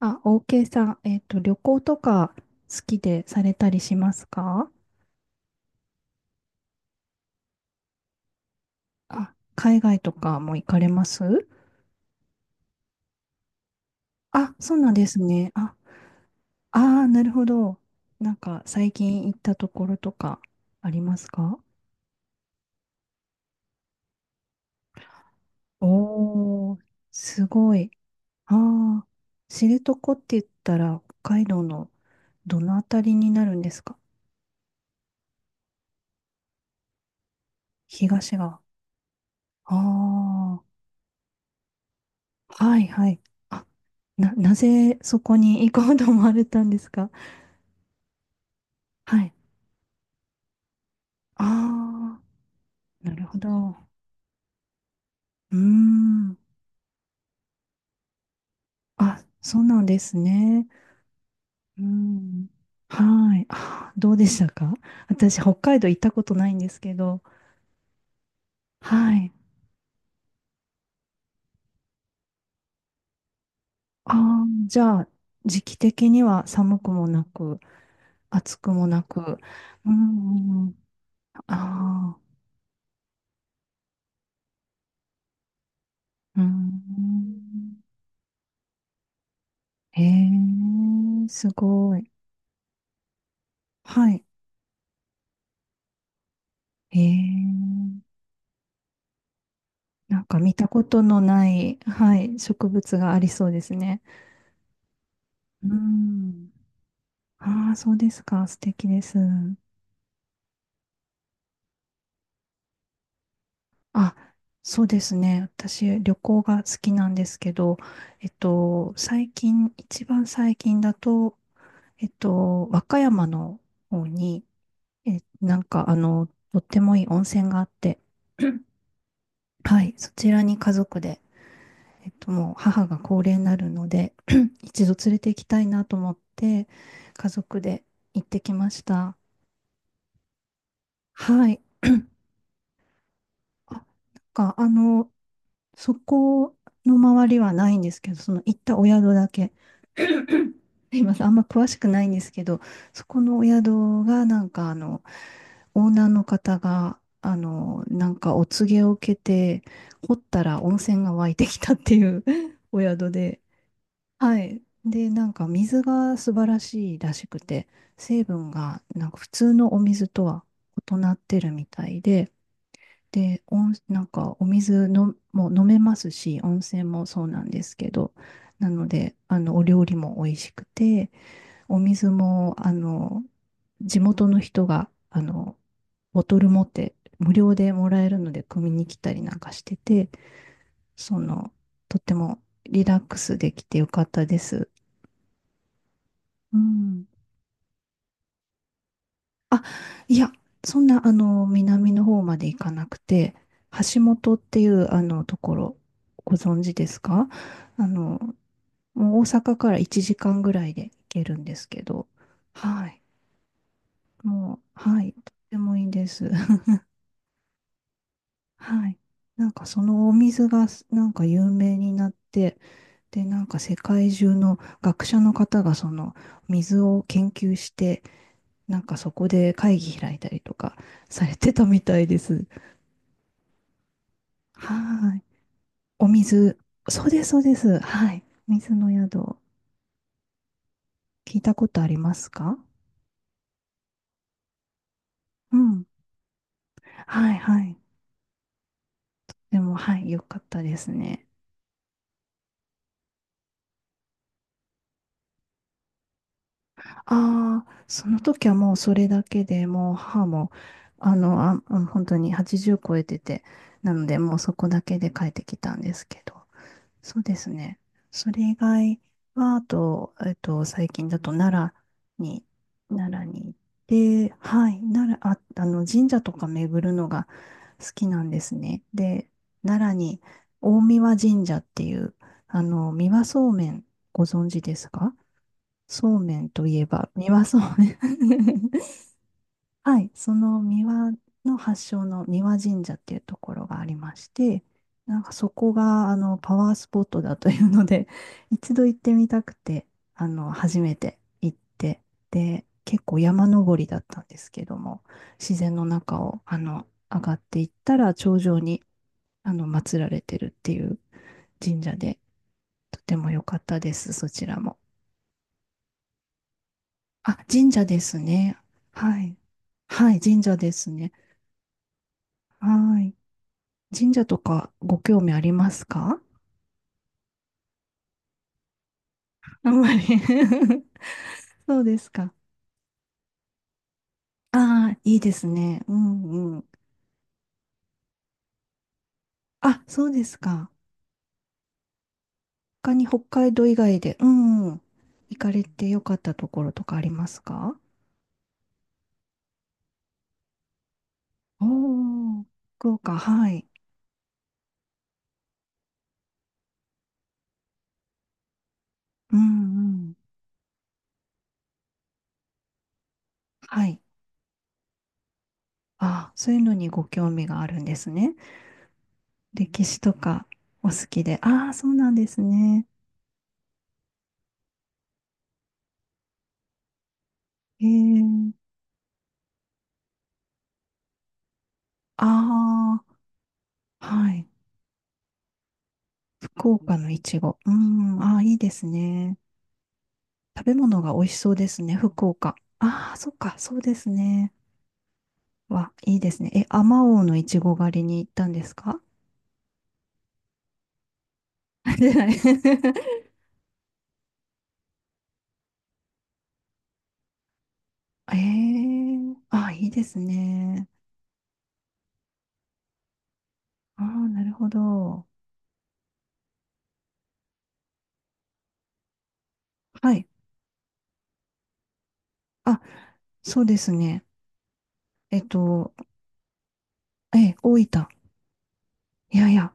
あ、OK さん、旅行とか好きでされたりしますか？あ、海外とかも行かれます？あ、そうなんですね。あ、あー、なるほど。なんか、最近行ったところとかありますか？おー、すごい。あー、知床って言ったら、北海道のどのあたりになるんですか？東側。ああ、はいはい。あ、なぜそこに行こうと思われたんですか？はい。ああ、なるほど。うーん。あ、そうなんですね。うーん。はい。あー、どうでしたか？私、北海道行ったことないんですけど。はい。ああ、じゃあ、時期的には寒くもなく、暑くもなく。うーん。ああ、うーん。へえ、すごい。はい。へえ、なんか見たことのない、はい、植物がありそうですね。うーん。ああ、そうですか。素敵です。あ、そうですね。私、旅行が好きなんですけど、最近、一番最近だと、和歌山の方に、なんか、あの、とってもいい温泉があって、はい、そちらに家族で、もう母が高齢になるので、一度連れて行きたいなと思って、家族で行ってきました。はい。あなんか、あの、そこの周りはないんですけど、その行ったお宿だけ。すいません、あんま詳しくないんですけど、そこのお宿がなんかあの、オーナーの方が、あの、なんかお告げを受けて、掘ったら温泉が湧いてきたっていう お宿で、はい。で、なんか水が素晴らしいらしくて、成分がなんか普通のお水とは異なってるみたいで、で、なんかお水のもう飲めますし、温泉もそうなんですけど、なので、あの、お料理も美味しくて、お水も、あの、地元の人が、あの、ボトル持って無料でもらえるので、汲みに来たりなんかしてて、その、とってもリラックスできてよかったです。うん。あ、いや、そんな、あの、南の方まで行かなくて、橋本っていう、あの、ところ、ご存知ですか？あの、もう大阪から1時間ぐらいで行けるんですけど、はい。もう、はい。とってもいいです。はい。なんか、そのお水が、なんか有名になって、で、なんか世界中の学者の方がその水を研究して、なんかそこで会議開いたりとかされてたみたいです。はい。お水。そうです、そうです。はい。水の宿。聞いたことありますか？うん。はい、はい。でも、はい、よかったですね。ああ、その時はもうそれだけでもう母も、あの、あ、うん本当に80超えてて、なのでもうそこだけで帰ってきたんですけど。そうですね。それ以外は、あと、最近だと良に、奈良に行って、はい、奈良、あ、あの、神社とか巡るのが、好きなんですね。で、奈良に大神神社っていう、あの、三輪そうめんご存知ですか？そうめんといえば、三輪そうめん。 はい、その三輪の発祥の三輪神社っていうところがありまして、なんかそこがあのパワースポットだというので、一度行ってみたくて、あの初めて行って、で、結構山登りだったんですけども、自然の中をあの上がっていったら頂上にあの祀られてるっていう神社で、とても良かったです、そちらも。あ、神社ですね。はい。はい、神社ですね。はい。神社とかご興味ありますか？あんまり。 そうですか。ああ、いいですね。うんうん。あ、そうですか。他に北海道以外で、うんうん。行かれてよかったところとかありますか？おお、福岡、はい。うんうん。はい。ああ、そういうのにご興味があるんですね。歴史とかお好きで。ああ、そうなんですね。ええ。ああ、はい。福岡のいちご。うーん、ああ、いいですね。食べ物が美味しそうですね、福岡。ああ、そっか、そうですね。わ、いいですね。え、あまおうのいちご狩りに行ったんですか？ 出ない。 ええ、ああ、いいですね。ああ、なるほど。はい。あ、そうですね。えっと、え、大分。いやいや、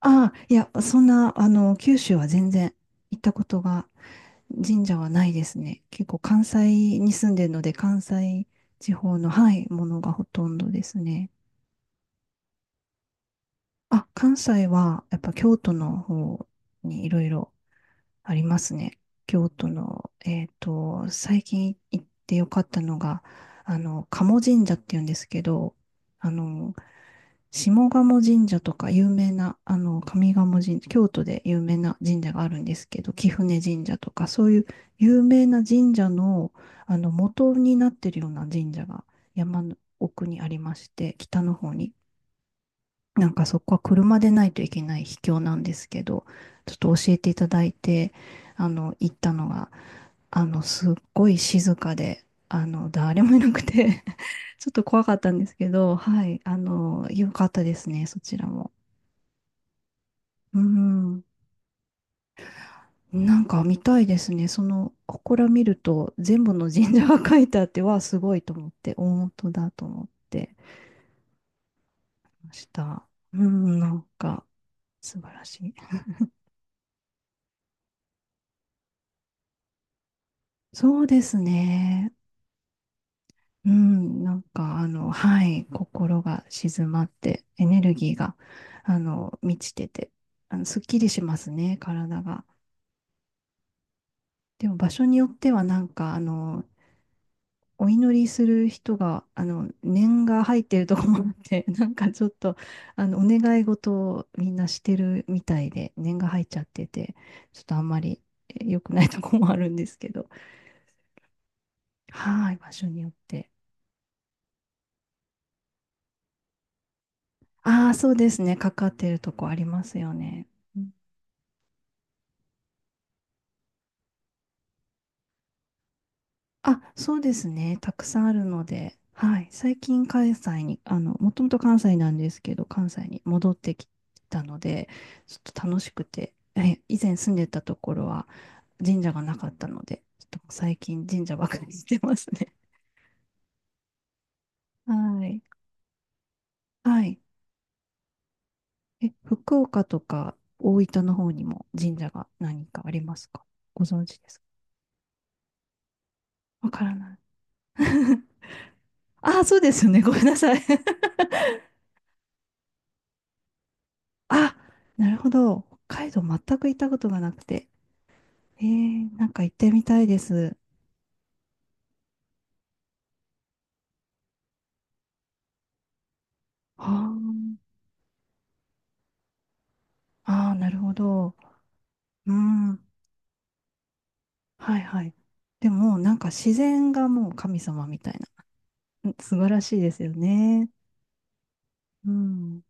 ああ、いや、そんな、あの、九州は全然行ったことが、神社はないですね。結構関西に住んでるので、関西地方の、はい、ものがほとんどですね。あ、関西は、やっぱ京都の方にいろいろありますね。京都の、最近行ってよかったのが、あの、賀茂神社っていうんですけど、あの、下鴨神社とか有名な、あの、上鴨神社、京都で有名な神社があるんですけど、貴船神社とか、そういう有名な神社の、あの、元になってるような神社が山の奥にありまして、北の方に。なんかそこは車でないといけない秘境なんですけど、ちょっと教えていただいて、あの、行ったのが、あの、すっごい静かで、あの、誰もいなくて、 ちょっと怖かったんですけど、はい、あの、良かったですね、そちらも。うん。なんか見たいですね。その、ここら見ると、全部の神社が書いてあって、わあ、すごいと思って、大本だと思ってました。うん、なんか、素晴らしい。そうですね。うん、なんか、あの、はい、心が静まって、エネルギーが、あの、満ちてて、あの、すっきりしますね、体が。でも、場所によっては、なんか、あの、お祈りする人が、あの、念が入ってるとこもあって、なんかちょっと、あの、お願い事をみんなしてるみたいで、念が入っちゃってて、ちょっとあんまり良くないとこもあるんですけど、はい、場所によって。ああ、そうですね、かかってるとこありますよね。あ、そうですね。たくさんあるので、はい。最近関西に、あの、もともと関西なんですけど、関西に戻ってきたので、ちょっと楽しくて、以前住んでたところは神社がなかったので、ちょっと最近神社ばかりにしてますね。はい。はい。福岡とか大分の方にも神社が何かありますか？ご存知ですか？わからない。あ、そうですよね。ごめんなさい。あ、なるほど。北海道全く行ったことがなくて。なんか行ってみたいです。ああ、ああ、なるほど。うん。はいはい。でも、なんか自然がもう神様みたいな。うん、素晴らしいですよね。うん。